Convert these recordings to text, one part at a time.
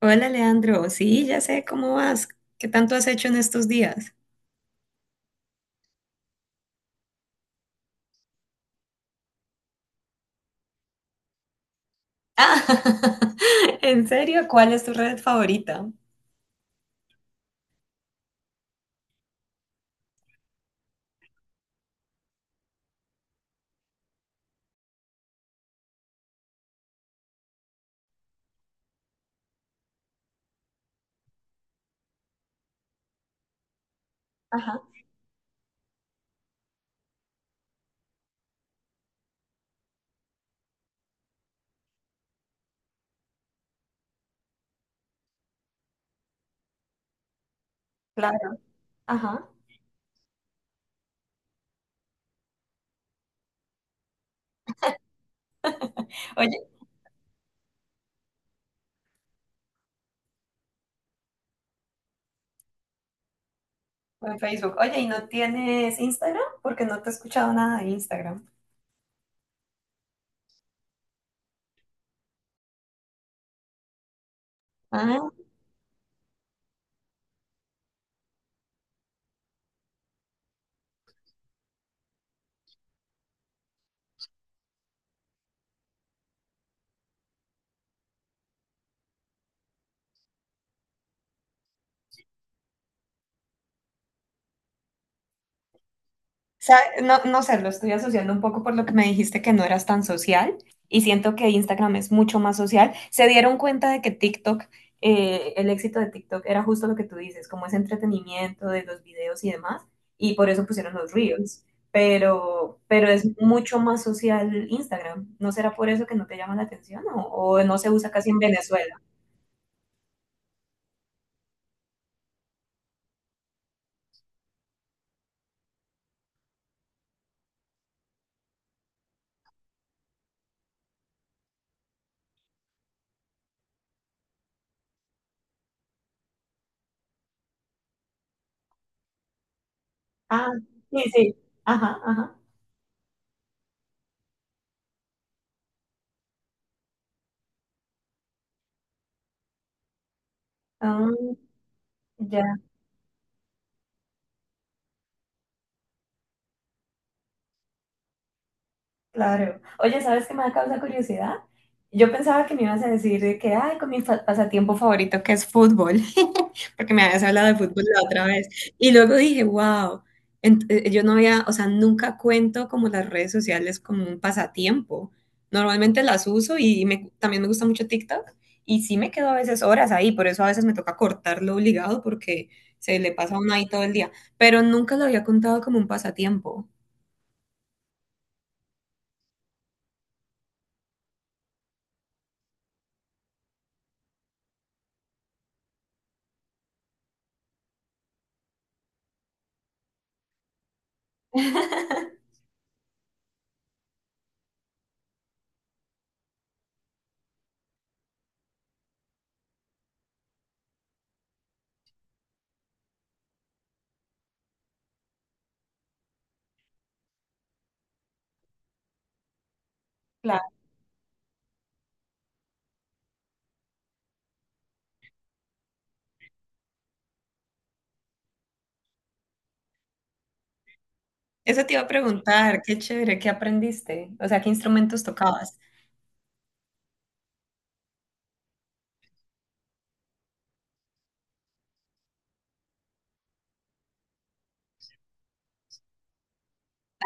Hola Leandro, sí, ya sé cómo vas. ¿Qué tanto has hecho en estos días? Ah, ¿en serio? ¿Cuál es tu red favorita? Ajá, claro, ajá. Oye, en Facebook. Oye, ¿y no tienes Instagram? Porque no te he escuchado nada de Instagram. Ah, sea, no, no sé, lo estoy asociando un poco por lo que me dijiste que no eras tan social y siento que Instagram es mucho más social. Se dieron cuenta de que TikTok, el éxito de TikTok era justo lo que tú dices, como ese entretenimiento de los videos y demás, y por eso pusieron los Reels, pero es mucho más social Instagram. ¿No será por eso que no te llama la atención, o no se usa casi en Venezuela? Ah, sí, sí. Ajá, ajá. Ah, ya. Claro. Oye, ¿sabes qué me da causa curiosidad? Yo pensaba que me ibas a decir de que, ay, con mi pasatiempo favorito que es fútbol, porque me habías hablado de fútbol la otra vez. Y luego dije, wow, yo no había, o sea, nunca cuento como las redes sociales como un pasatiempo. Normalmente las uso y también me gusta mucho TikTok y sí me quedo a veces horas ahí, por eso a veces me toca cortarlo obligado porque se le pasa a uno ahí todo el día, pero nunca lo había contado como un pasatiempo. Eso te iba a preguntar, qué chévere, ¿qué aprendiste? O sea, ¿qué instrumentos tocabas?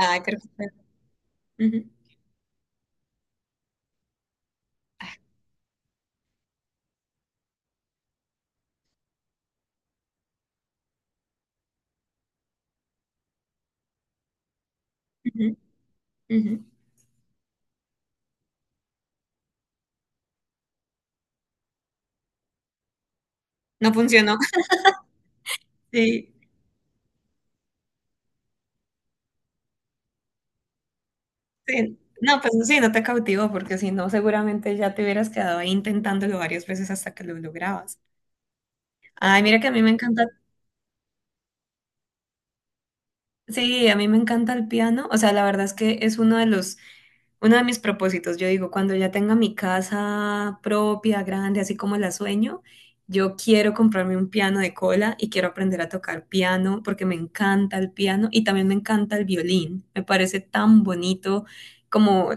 Ah, ujú, ujú, ujú. No funcionó. Sí, sí. No, pues sí, no te cautivó, porque si no, seguramente ya te hubieras quedado ahí intentándolo varias veces hasta que lo lograbas. Ay, mira que a mí me encanta. Sí, a mí me encanta el piano. O sea, la verdad es que es uno de mis propósitos. Yo digo, cuando ya tenga mi casa propia, grande, así como la sueño, yo quiero comprarme un piano de cola y quiero aprender a tocar piano porque me encanta el piano y también me encanta el violín. Me parece tan bonito como,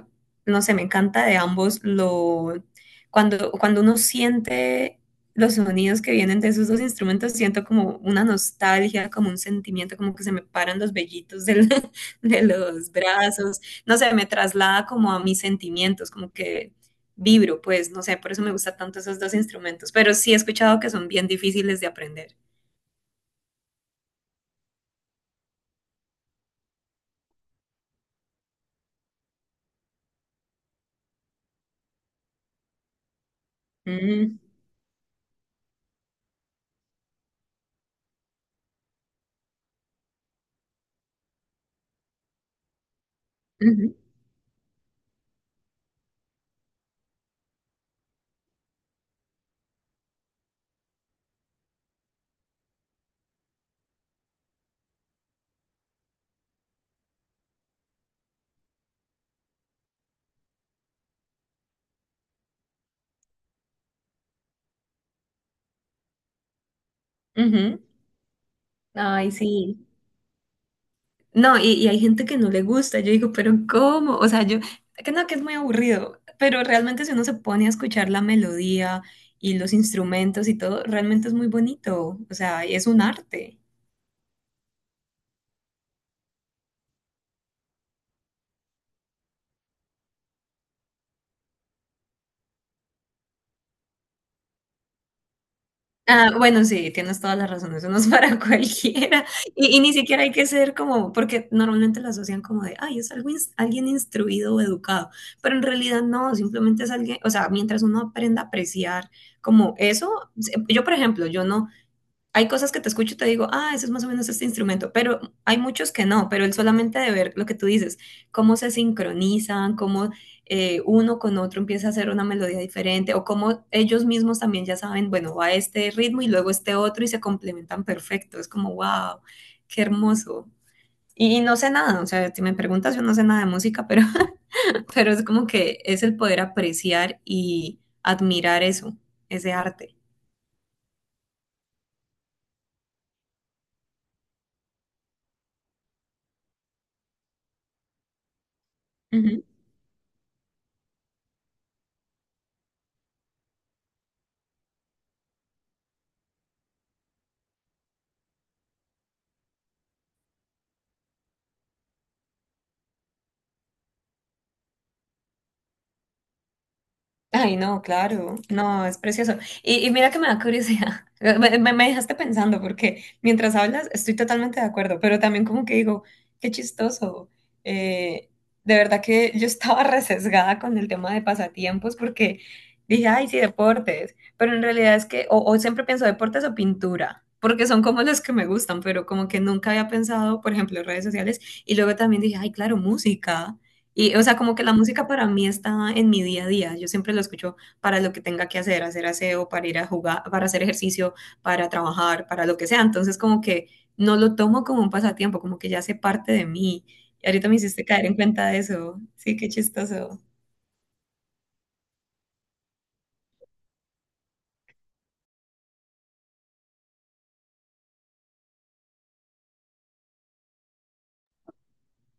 no sé, me encanta de ambos lo, cuando uno siente los sonidos que vienen de esos dos instrumentos, siento como una nostalgia, como un sentimiento, como que se me paran los vellitos de los brazos, no sé, me traslada como a mis sentimientos, como que vibro, pues, no sé, por eso me gustan tanto esos dos instrumentos, pero sí he escuchado que son bien difíciles de aprender. Mm, ujú, ujú. Ay, sí. No, y hay gente que no le gusta. Yo digo, pero ¿cómo? O sea, yo, que no, que es muy aburrido, pero realmente si uno se pone a escuchar la melodía y los instrumentos y todo, realmente es muy bonito. O sea, es un arte. Ah, bueno, sí, tienes todas las razones, eso no es para cualquiera. Y ni siquiera hay que ser como, porque normalmente lo asocian como de, ay, es algo alguien instruido o educado, pero en realidad no, simplemente es alguien, o sea, mientras uno aprenda a apreciar como eso, yo por ejemplo, yo no, hay cosas que te escucho y te digo, ah, ese es más o menos este instrumento, pero hay muchos que no, pero el solamente de ver lo que tú dices, cómo se sincronizan, cómo uno con otro empieza a hacer una melodía diferente, o cómo ellos mismos también ya saben, bueno, va este ritmo y luego este otro y se complementan perfecto, es como, wow, qué hermoso. Y y no sé nada, o sea, si me preguntas, yo no sé nada de música, pero pero es como que es el poder apreciar y admirar eso, ese arte. Ay, no, claro, no, es precioso. Y mira que me da curiosidad, me, me dejaste pensando porque mientras hablas estoy totalmente de acuerdo, pero también como que digo, qué chistoso. Eh, de verdad que yo estaba resesgada con el tema de pasatiempos porque dije, ay, sí, deportes, pero en realidad es que, o siempre pienso deportes o pintura, porque son como los que me gustan, pero como que nunca había pensado, por ejemplo, redes sociales, y luego también dije, ay, claro, música. Y, o sea, como que la música para mí está en mi día a día. Yo siempre lo escucho para lo que tenga que hacer, hacer aseo, para ir a jugar, para hacer ejercicio, para trabajar, para lo que sea. Entonces, como que no lo tomo como un pasatiempo, como que ya hace parte de mí. Y ahorita me hiciste caer en cuenta de eso. Sí, qué chistoso.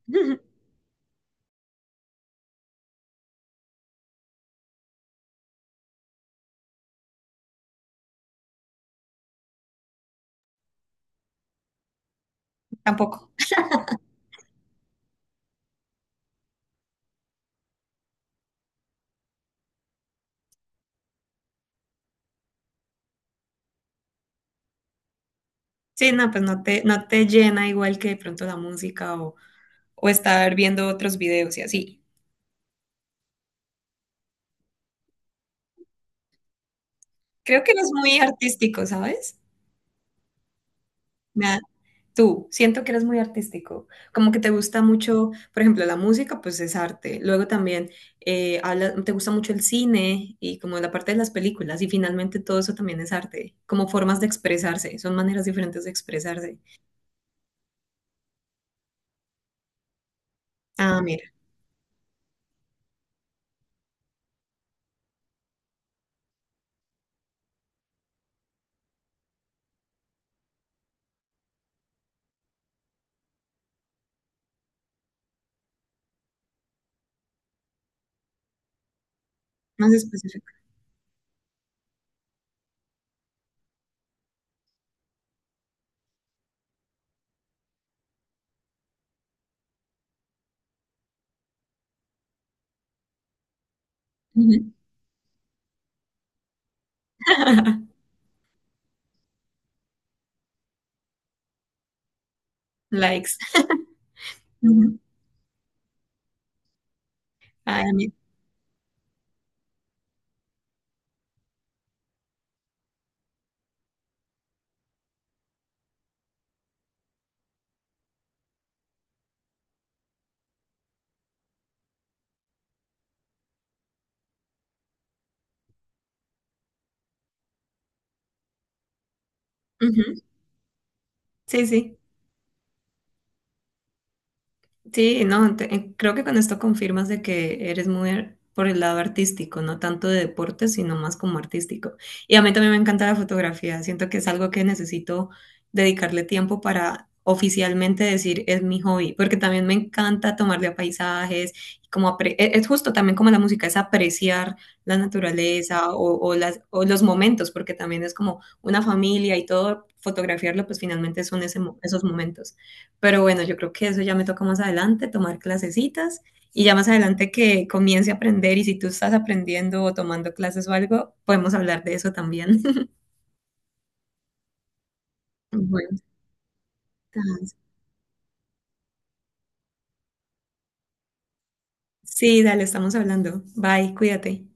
Tampoco. Sí, no, pues no te, no te llena igual que de pronto la música o estar viendo otros videos y así. Creo que no es muy artístico, ¿sabes? Me. Tú, siento que eres muy artístico, como que te gusta mucho, por ejemplo, la música, pues es arte. Luego también te gusta mucho el cine y como la parte de las películas y finalmente todo eso también es arte, como formas de expresarse, son maneras diferentes de expresarse. Ah, mira, más específico. Ujú. Likes. Ujú. Ay, a mí, ujú. Sí, sí. Sí, no, creo que con esto confirmas de que eres muy por el lado artístico, no tanto de deporte, sino más como artístico. Y a mí también me encanta la fotografía, siento que es algo que necesito dedicarle tiempo para oficialmente decir es mi hobby, porque también me encanta tomarle a paisajes, y como es justo también como la música, es apreciar la naturaleza o las, o los momentos, porque también es como una familia y todo, fotografiarlo pues finalmente son ese, esos momentos. Pero bueno, yo creo que eso ya me toca más adelante, tomar clasecitas y ya más adelante que comience a aprender y si tú estás aprendiendo o tomando clases o algo, podemos hablar de eso también. Bueno, sí, dale, estamos hablando. Bye, cuídate.